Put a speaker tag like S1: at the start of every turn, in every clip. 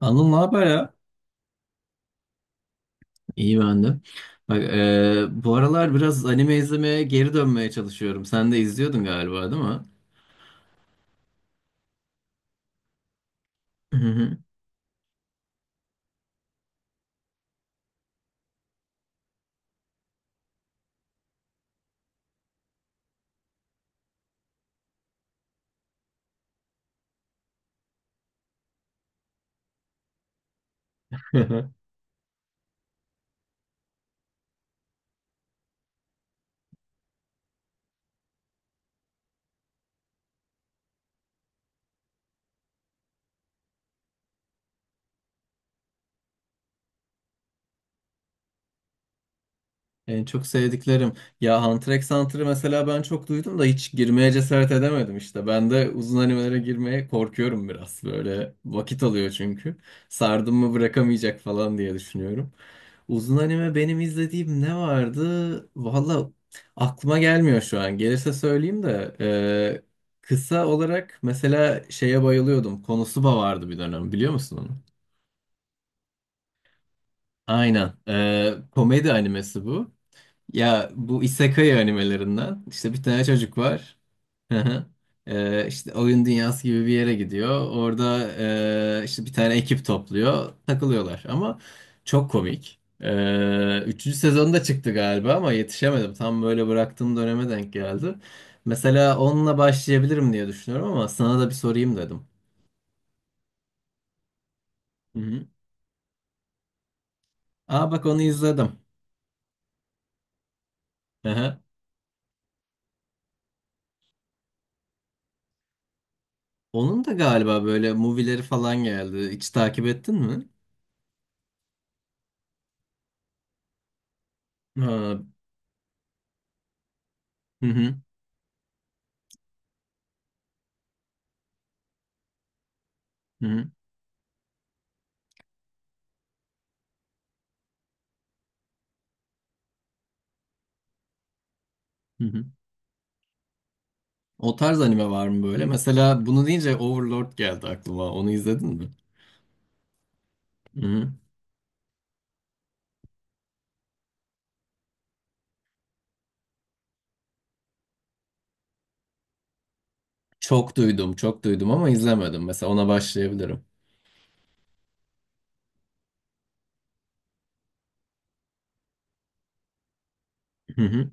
S1: Anıl ne haber ya? İyi ben de. Bak, bu aralar biraz anime izlemeye geri dönmeye çalışıyorum. Sen de izliyordun galiba, değil mi? Hı hı. En çok sevdiklerim. Ya Hunter x Hunter'ı mesela ben çok duydum da hiç girmeye cesaret edemedim işte. Ben de uzun animelere girmeye korkuyorum biraz. Böyle vakit alıyor çünkü. Sardım mı bırakamayacak falan diye düşünüyorum. Uzun anime benim izlediğim ne vardı? Valla aklıma gelmiyor şu an. Gelirse söyleyeyim de. Kısa olarak mesela şeye bayılıyordum. Konosuba vardı bir dönem biliyor musun onu? Aynen. Komedi animesi bu. Ya bu isekai animelerinden işte bir tane çocuk var. Hı hı. İşte oyun dünyası gibi bir yere gidiyor. Orada işte bir tane ekip topluyor. Takılıyorlar ama çok komik. Üçüncü sezonda çıktı galiba ama yetişemedim. Tam böyle bıraktığım döneme denk geldi. Mesela onunla başlayabilirim diye düşünüyorum ama sana da bir sorayım dedim. Hı hı. Aa bak onu izledim. Hı hı. Onun da galiba böyle movie'leri falan geldi. Hiç takip ettin mi? Ha, hı hı. Hı hı. Hı hı. O tarz anime var mı böyle? Mesela bunu deyince Overlord geldi aklıma. Onu izledin mi? Hı hı. Çok duydum, çok duydum ama izlemedim. Mesela ona başlayabilirim. Hı hı.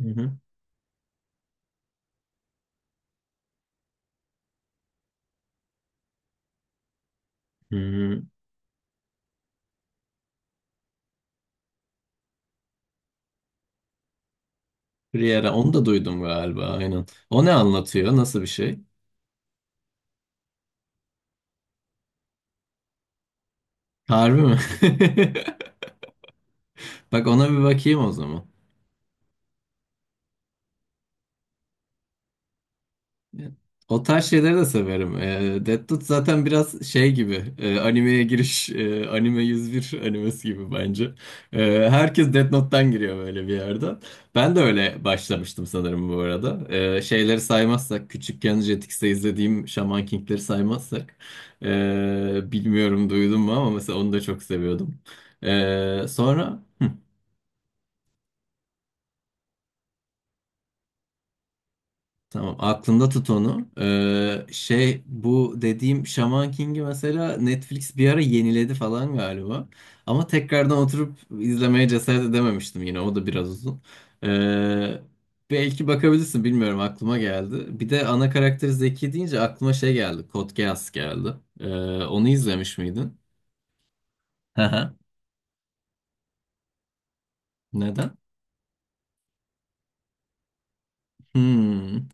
S1: Hı hı. Hı hı. Friera, onu da duydum galiba, aynen. O ne anlatıyor? Nasıl bir şey? Harbi mi? Bak ona bir bakayım o zaman. O tarz şeyleri de severim. E, Death Note zaten biraz şey gibi. Animeye giriş, anime 101 animesi gibi bence. E, herkes Death Note'tan giriyor böyle bir yerden. Ben de öyle başlamıştım sanırım bu arada. E, şeyleri saymazsak, küçükken Jetix'te izlediğim Shaman King'leri saymazsak. Bilmiyorum duydun mu ama mesela onu da çok seviyordum. E, sonra... Tamam, aklında tut onu. Şey bu dediğim Shaman King'i mesela Netflix bir ara yeniledi falan galiba. Ama tekrardan oturup izlemeye cesaret edememiştim yine. O da biraz uzun. Ee, Belki bakabilirsin bilmiyorum aklıma geldi. Bir de ana karakter Zeki deyince aklıma şey geldi. Code Geass geldi. Ee, Onu izlemiş miydin? Hı hı. Neden? Hmm,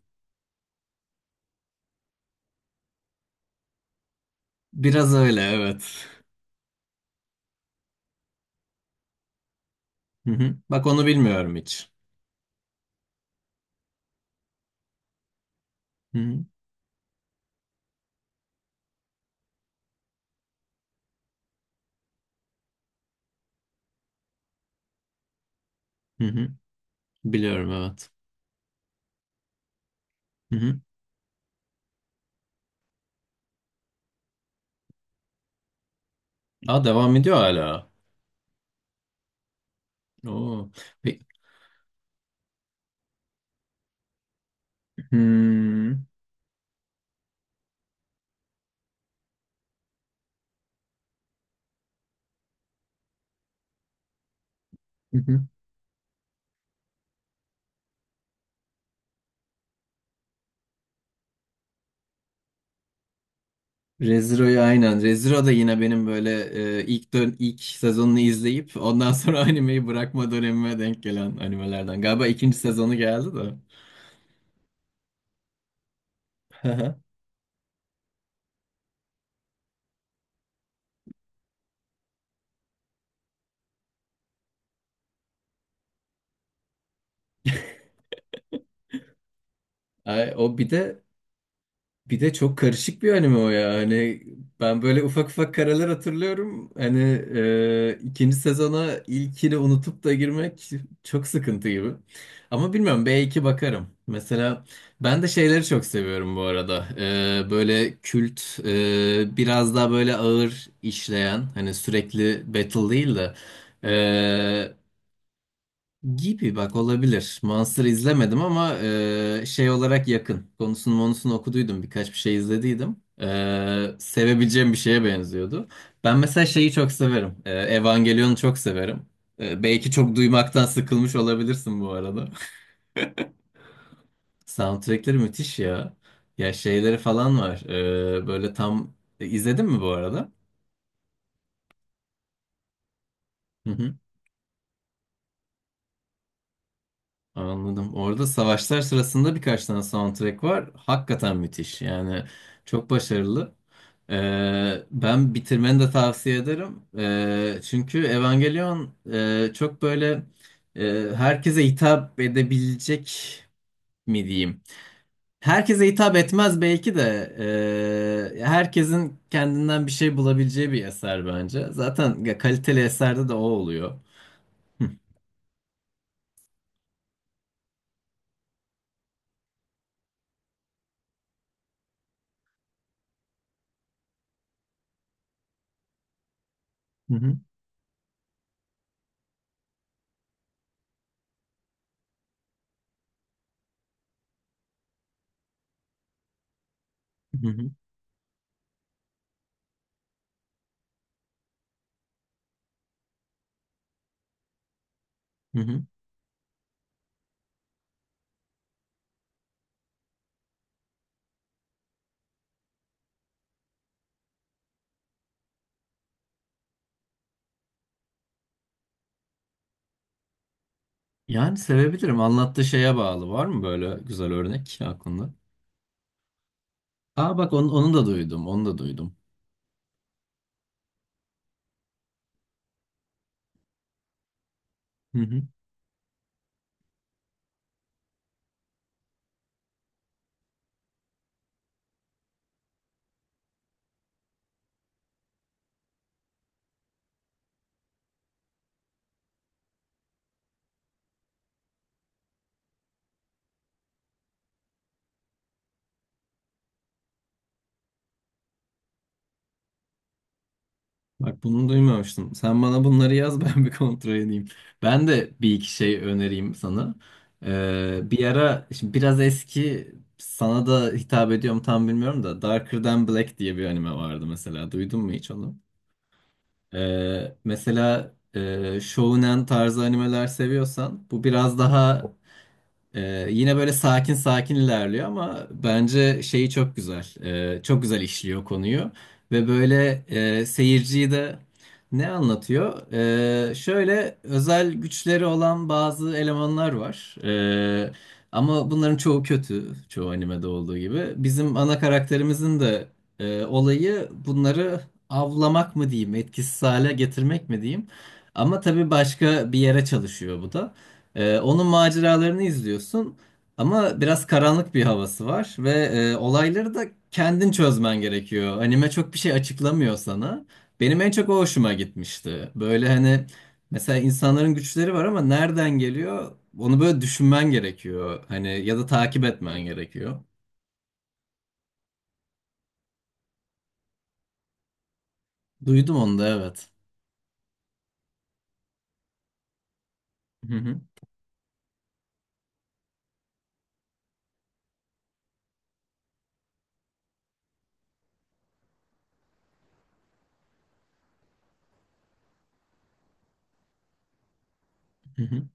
S1: biraz öyle evet. Hı hı. Bak onu bilmiyorum hiç. Hı hı. Hı hı. Biliyorum evet. Hı hı. Aa devam ediyor hala. Oo. Pe- Hmm. Hı hı. Reziro'yu aynen. Reziro da yine benim böyle ilk sezonunu izleyip ondan sonra animeyi bırakma dönemime denk gelen animelerden. Galiba ikinci sezonu geldi de. Hı hı. Ay, o bir de çok karışık bir anime o ya. Hani ben böyle ufak ufak karalar hatırlıyorum. Hani ikinci sezona ilkini unutup da girmek çok sıkıntı gibi. Ama bilmiyorum belki bakarım. Mesela ben de şeyleri çok seviyorum bu arada. E, böyle kült biraz daha böyle ağır işleyen hani sürekli battle değil de gibi bak olabilir. Monster izlemedim ama şey olarak yakın. Konusunu monusunu okuduydum. Birkaç bir şey izlediydim. E, sevebileceğim bir şeye benziyordu. Ben mesela şeyi çok severim. E, Evangelion'u çok severim. E, belki çok duymaktan sıkılmış olabilirsin bu arada. Soundtrackleri müthiş ya. Ya şeyleri falan var. E, böyle tam... izledin mi bu arada? Hı hı. Anladım. Orada savaşlar sırasında birkaç tane soundtrack var. Hakikaten müthiş. Yani çok başarılı. Ben bitirmeni de tavsiye ederim. Çünkü Evangelion çok böyle herkese hitap edebilecek mi diyeyim. Herkese hitap etmez belki de herkesin kendinden bir şey bulabileceği bir eser bence. Zaten ya, kaliteli eserde de o oluyor. Hı hı. Hı hı. Hı hı. Yani sevebilirim. Anlattığı şeye bağlı. Var mı böyle güzel örnek aklında? Aa bak onu, onu da duydum. Onu da duydum. Hı hı. Bak bunu duymamıştım. Sen bana bunları yaz ben bir kontrol edeyim. Ben de bir iki şey önereyim sana. Bir ara şimdi biraz eski sana da hitap ediyorum tam bilmiyorum da Darker Than Black diye bir anime vardı mesela. Duydun mu hiç onu? Mesela Shonen tarzı animeler seviyorsan bu biraz daha yine böyle sakin sakin ilerliyor ama bence şeyi çok güzel. Çok güzel işliyor konuyu. Ve böyle seyirciyi de ne anlatıyor? Şöyle özel güçleri olan bazı elemanlar var. Ama bunların çoğu kötü. Çoğu animede olduğu gibi. Bizim ana karakterimizin de olayı bunları avlamak mı diyeyim, etkisiz hale getirmek mi diyeyim. Ama tabii başka bir yere çalışıyor bu da. Onun maceralarını izliyorsun ama biraz karanlık bir havası var ve olayları da kendin çözmen gerekiyor. Anime çok bir şey açıklamıyor sana. Benim en çok o hoşuma gitmişti. Böyle hani mesela insanların güçleri var ama nereden geliyor? Onu böyle düşünmen gerekiyor. Hani ya da takip etmen gerekiyor. Duydum onu da evet. Hı hı. Hı hı.